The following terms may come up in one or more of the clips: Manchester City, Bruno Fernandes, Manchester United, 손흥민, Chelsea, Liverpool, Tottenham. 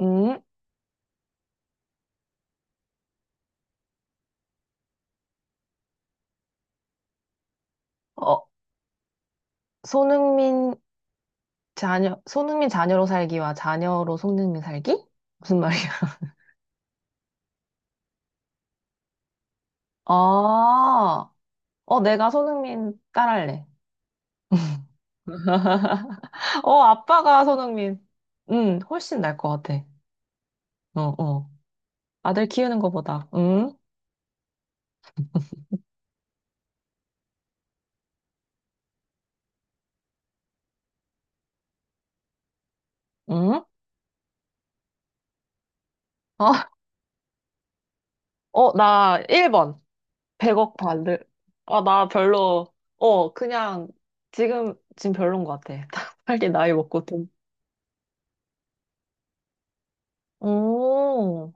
음, 어, 손흥민 손흥민 자녀로 살기와 자녀로 손흥민 살기? 무슨 말이야? 아, 어, 내가 손흥민 딸할래. 어, 아빠가 손흥민. 훨씬 나을 것 같아. 어, 어. 아들 키우는 것보다. 응? 응? 어, 어, 나 1번. 100억 받을. 아, 나 별로. 어, 그냥 지금 별론 것 같아. 빨리 나이 먹고 돈. 오.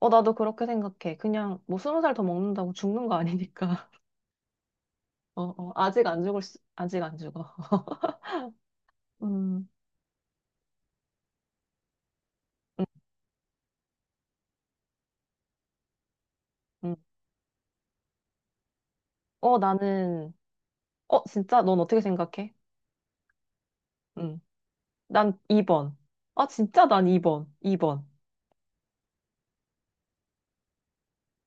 어, 나도 그렇게 생각해. 그냥 뭐 20살 더 먹는다고 죽는 거 아니니까. 어, 어, 아직 안 죽어. 음, 음 음. 어, 어, 진짜? 넌 어떻게 생각해? 음. 난 2번. 아, 진짜 난 2번. 이 번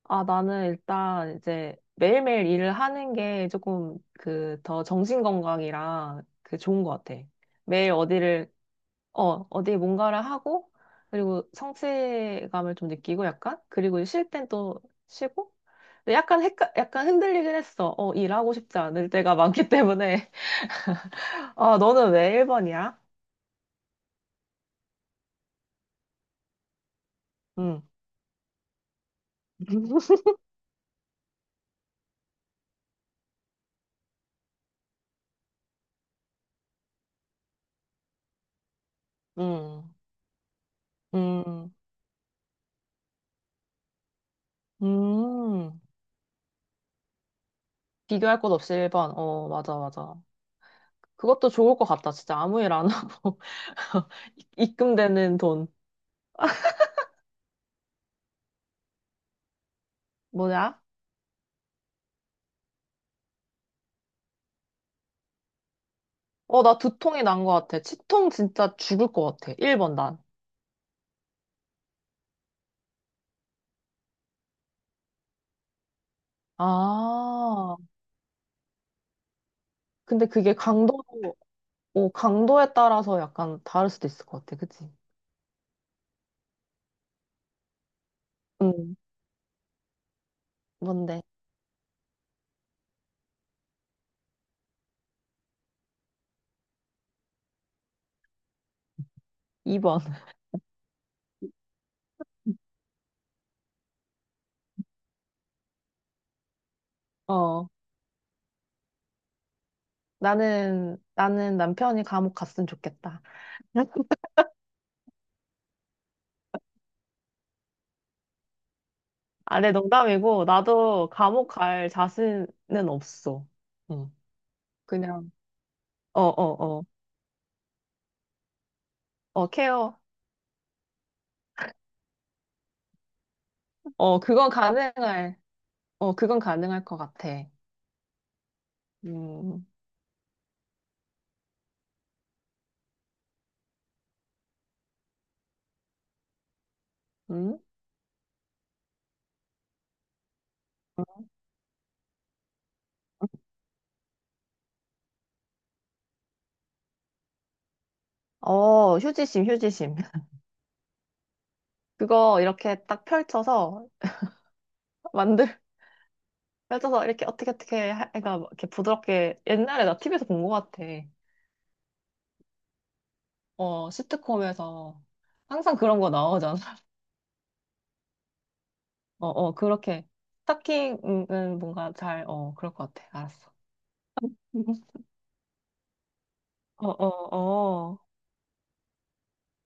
아, 나는 일단 이제 매일매일 일을 하는 게 조금 그 더 정신 건강이랑 그 좋은 것 같아. 매일 어디 뭔가를 하고, 그리고 성취감을 좀 느끼고 약간, 그리고 쉴 땐 또 쉬고, 근데 약간 흔들리긴 했어. 어, 일하고 싶지 않을 때가 많기 때문에. 아, 너는 왜 1번이야? 응, 응, 응, 응. 음. 비교할 것 없이 1번. 어, 맞아, 맞아. 그것도 좋을 것 같다. 진짜 아무 일 안 하고. 입금되는 돈. 뭐냐? 어, 나 두통이 난 것 같아. 치통 진짜 죽을 것 같아. 1번 난. 아. 근데 그게 강도에 따라서 약간 다를 수도 있을 것 같아. 그치? 응. 뭔데? 2번. 어. 나는 남편이 감옥 갔으면 좋겠다. 아, 내 농담이고, 나도 감옥 갈 자신은 없어. 응. 그냥, 어, 어, 어. 어, 케어. 어, 어, 그건 가능할 것 같아. 음, 음? 어, 휴지심. 그거 이렇게 딱 펼쳐서 만들, 펼쳐서 이렇게 어떻게 어떻게 해가 막 이렇게 부드럽게 옛날에 나 TV에서 본 것 같아. 어, 시트콤에서 항상 그런 거 나오잖아. 어, 어, 그렇게 스타킹은 그럴 것 같아. 알았어. 어, 어, 어.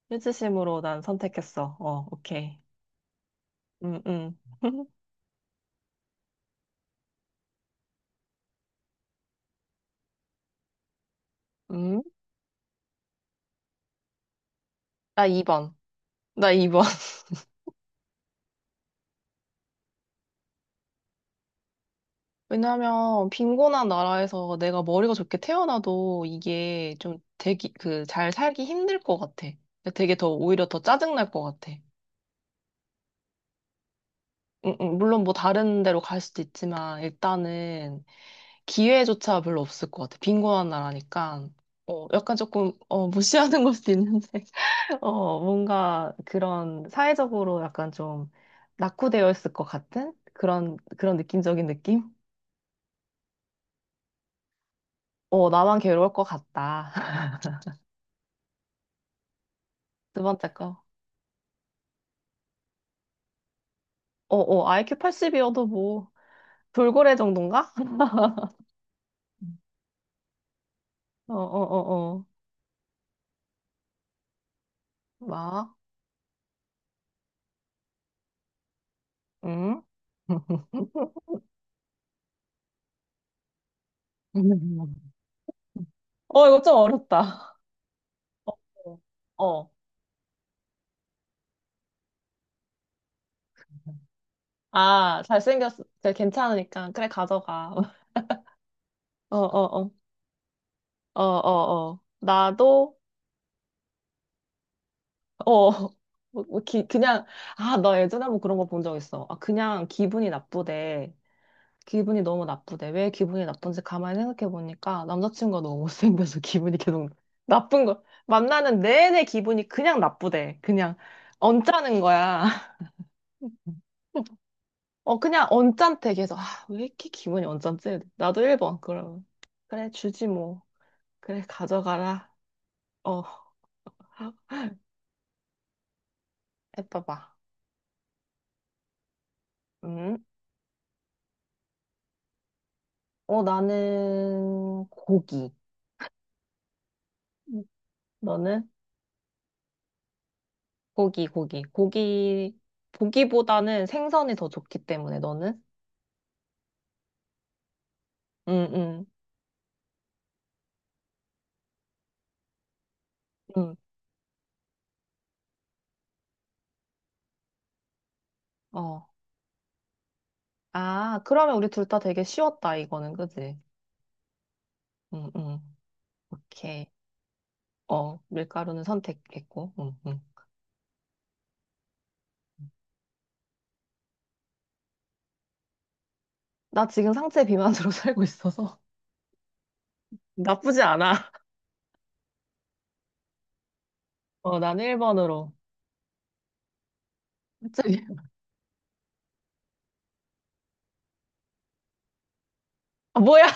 일치심으로 난 선택했어. 어, 오케이. 음, 음. 음? 나 2번. 나 2번. 왜냐하면 빈곤한 나라에서 내가 머리가 좋게 태어나도 이게 좀 되기 그 잘 살기 힘들 것 같아. 그러니까 되게 더 오히려 더 짜증 날 것 같아. 물론 뭐 다른 데로 갈 수도 있지만 일단은 기회조차 별로 없을 것 같아. 빈곤한 나라니까. 어, 약간 조금 어, 무시하는 걸 수도 있는데 어, 뭔가 그런 사회적으로 약간 좀 낙후되어 있을 것 같은 그런 느낌적인 느낌? 어, 나만 괴로울 것 같다. 두 번째 거. 어, 어, IQ 80이어도 뭐, 돌고래 정도인가? 어, 어, 어, 어. 막, 응? 어, 이거 좀 어렵다. 어. 어. 아, 잘생겼어. 네, 괜찮으니까. 그래, 가져가. 어, 어, 어. 어, 어, 어. 나도, 어. 그냥, 아, 나 예전에 한번 그런 거 본 적 있어. 아, 그냥 기분이 나쁘대. 기분이 너무 나쁘대. 왜 기분이 나쁜지 가만히 생각해 보니까 남자친구가 너무 못생겨서 기분이 계속 나쁜 거. 만나는 내내 기분이 그냥 나쁘대. 그냥 언짢은 거야. 어, 그냥 언짢대. 계속. 아, 왜 이렇게 기분이 언짢지? 나도 1번. 그럼. 그래, 주지 뭐. 그래, 가져가라. 어, 해봐봐. 음. 어, 나는 고기. 음. 너는? 고기, 고기. 고기보다는 생선이 더 좋기 때문에 너는? 응, 응, 응. 어. 아, 그러면 우리 둘 다 되게 쉬웠다, 이거는, 그지? 응, 응. 오케이. 어, 밀가루는 선택했고, 응, 응. 나 지금 상체 비만으로 살고 있어서 나쁘지 않아. 어, 난 1번으로. 갑자기. 아, 뭐야?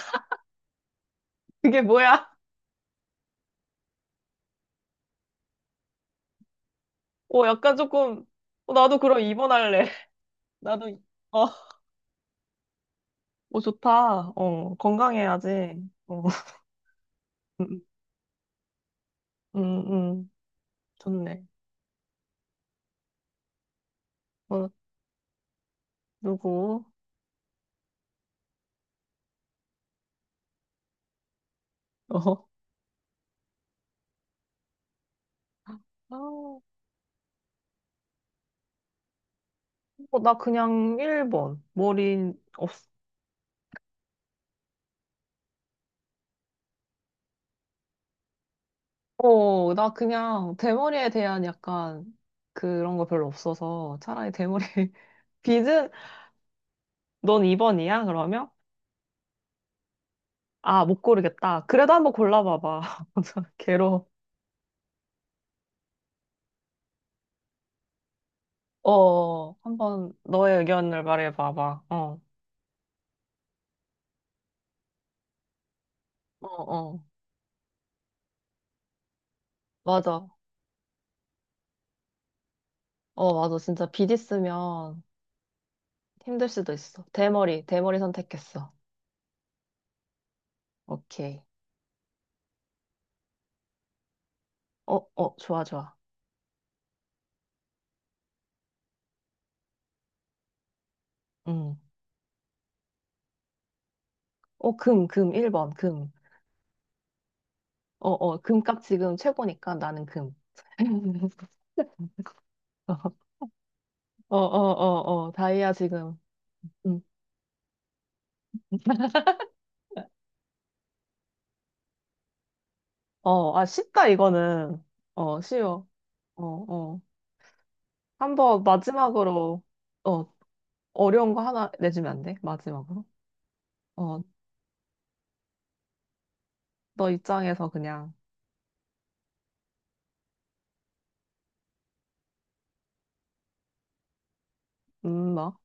그게 뭐야? 어, 약간 조금, 어, 나도 그럼 2번 할래. 나도, 어, 어, 좋다. 어, 건강해야지. 어, 응, 응, 좋네. 어, 누구? 어. 아, 어, 나 그냥 1번. 어, 나 그냥 대머리에 대한 약간 그런 거 별로 없어서 차라리 대머리 빗은 넌 2번이야? 그러면? 아, 못 고르겠다. 그래도 한번 골라봐봐. 괴로워. 어, 한번 너의 의견을 말해봐봐. 어, 어, 어. 맞아. 어, 맞아. 진짜 빗 있으면 힘들 수도 있어. 대머리 선택했어. 오케이. 어, 어, 좋아, 좋아. 응 어, 금, 금, 1번, 금. 어, 어, 금값 지금 최고니까 나는 금. 어, 어, 어, 어, 다이아 지금. 음. 어, 아, 쉽다, 이거는. 어, 쉬워. 어, 어. 한번 마지막으로, 어, 어려운 거 하나 내주면 안 돼? 마지막으로. 어, 너 입장에서 그냥, 뭐.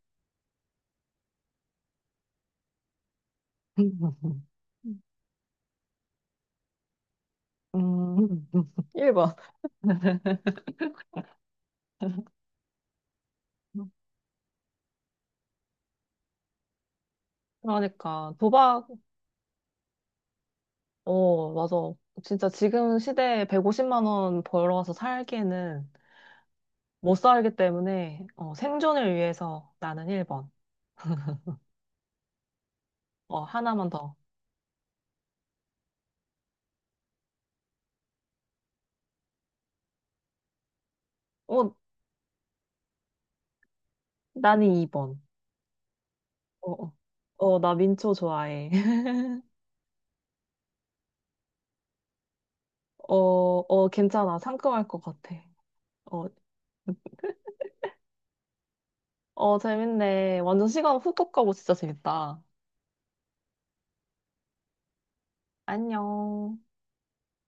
음, 1번. 그러니까 도박, 어, 맞아. 진짜 지금 시대에 150만 원 벌어서 살기에는 못 살기 때문에 어, 생존을 위해서 나는 1번. 어, 하나만 더. 어, 나는 2번. 어, 어, 어, 나 민초 좋아해. 어, 어, 괜찮아. 상큼할 것 같아. 어, 어, 재밌네. 완전 시간 훅훅 가고 진짜 재밌다. 안녕.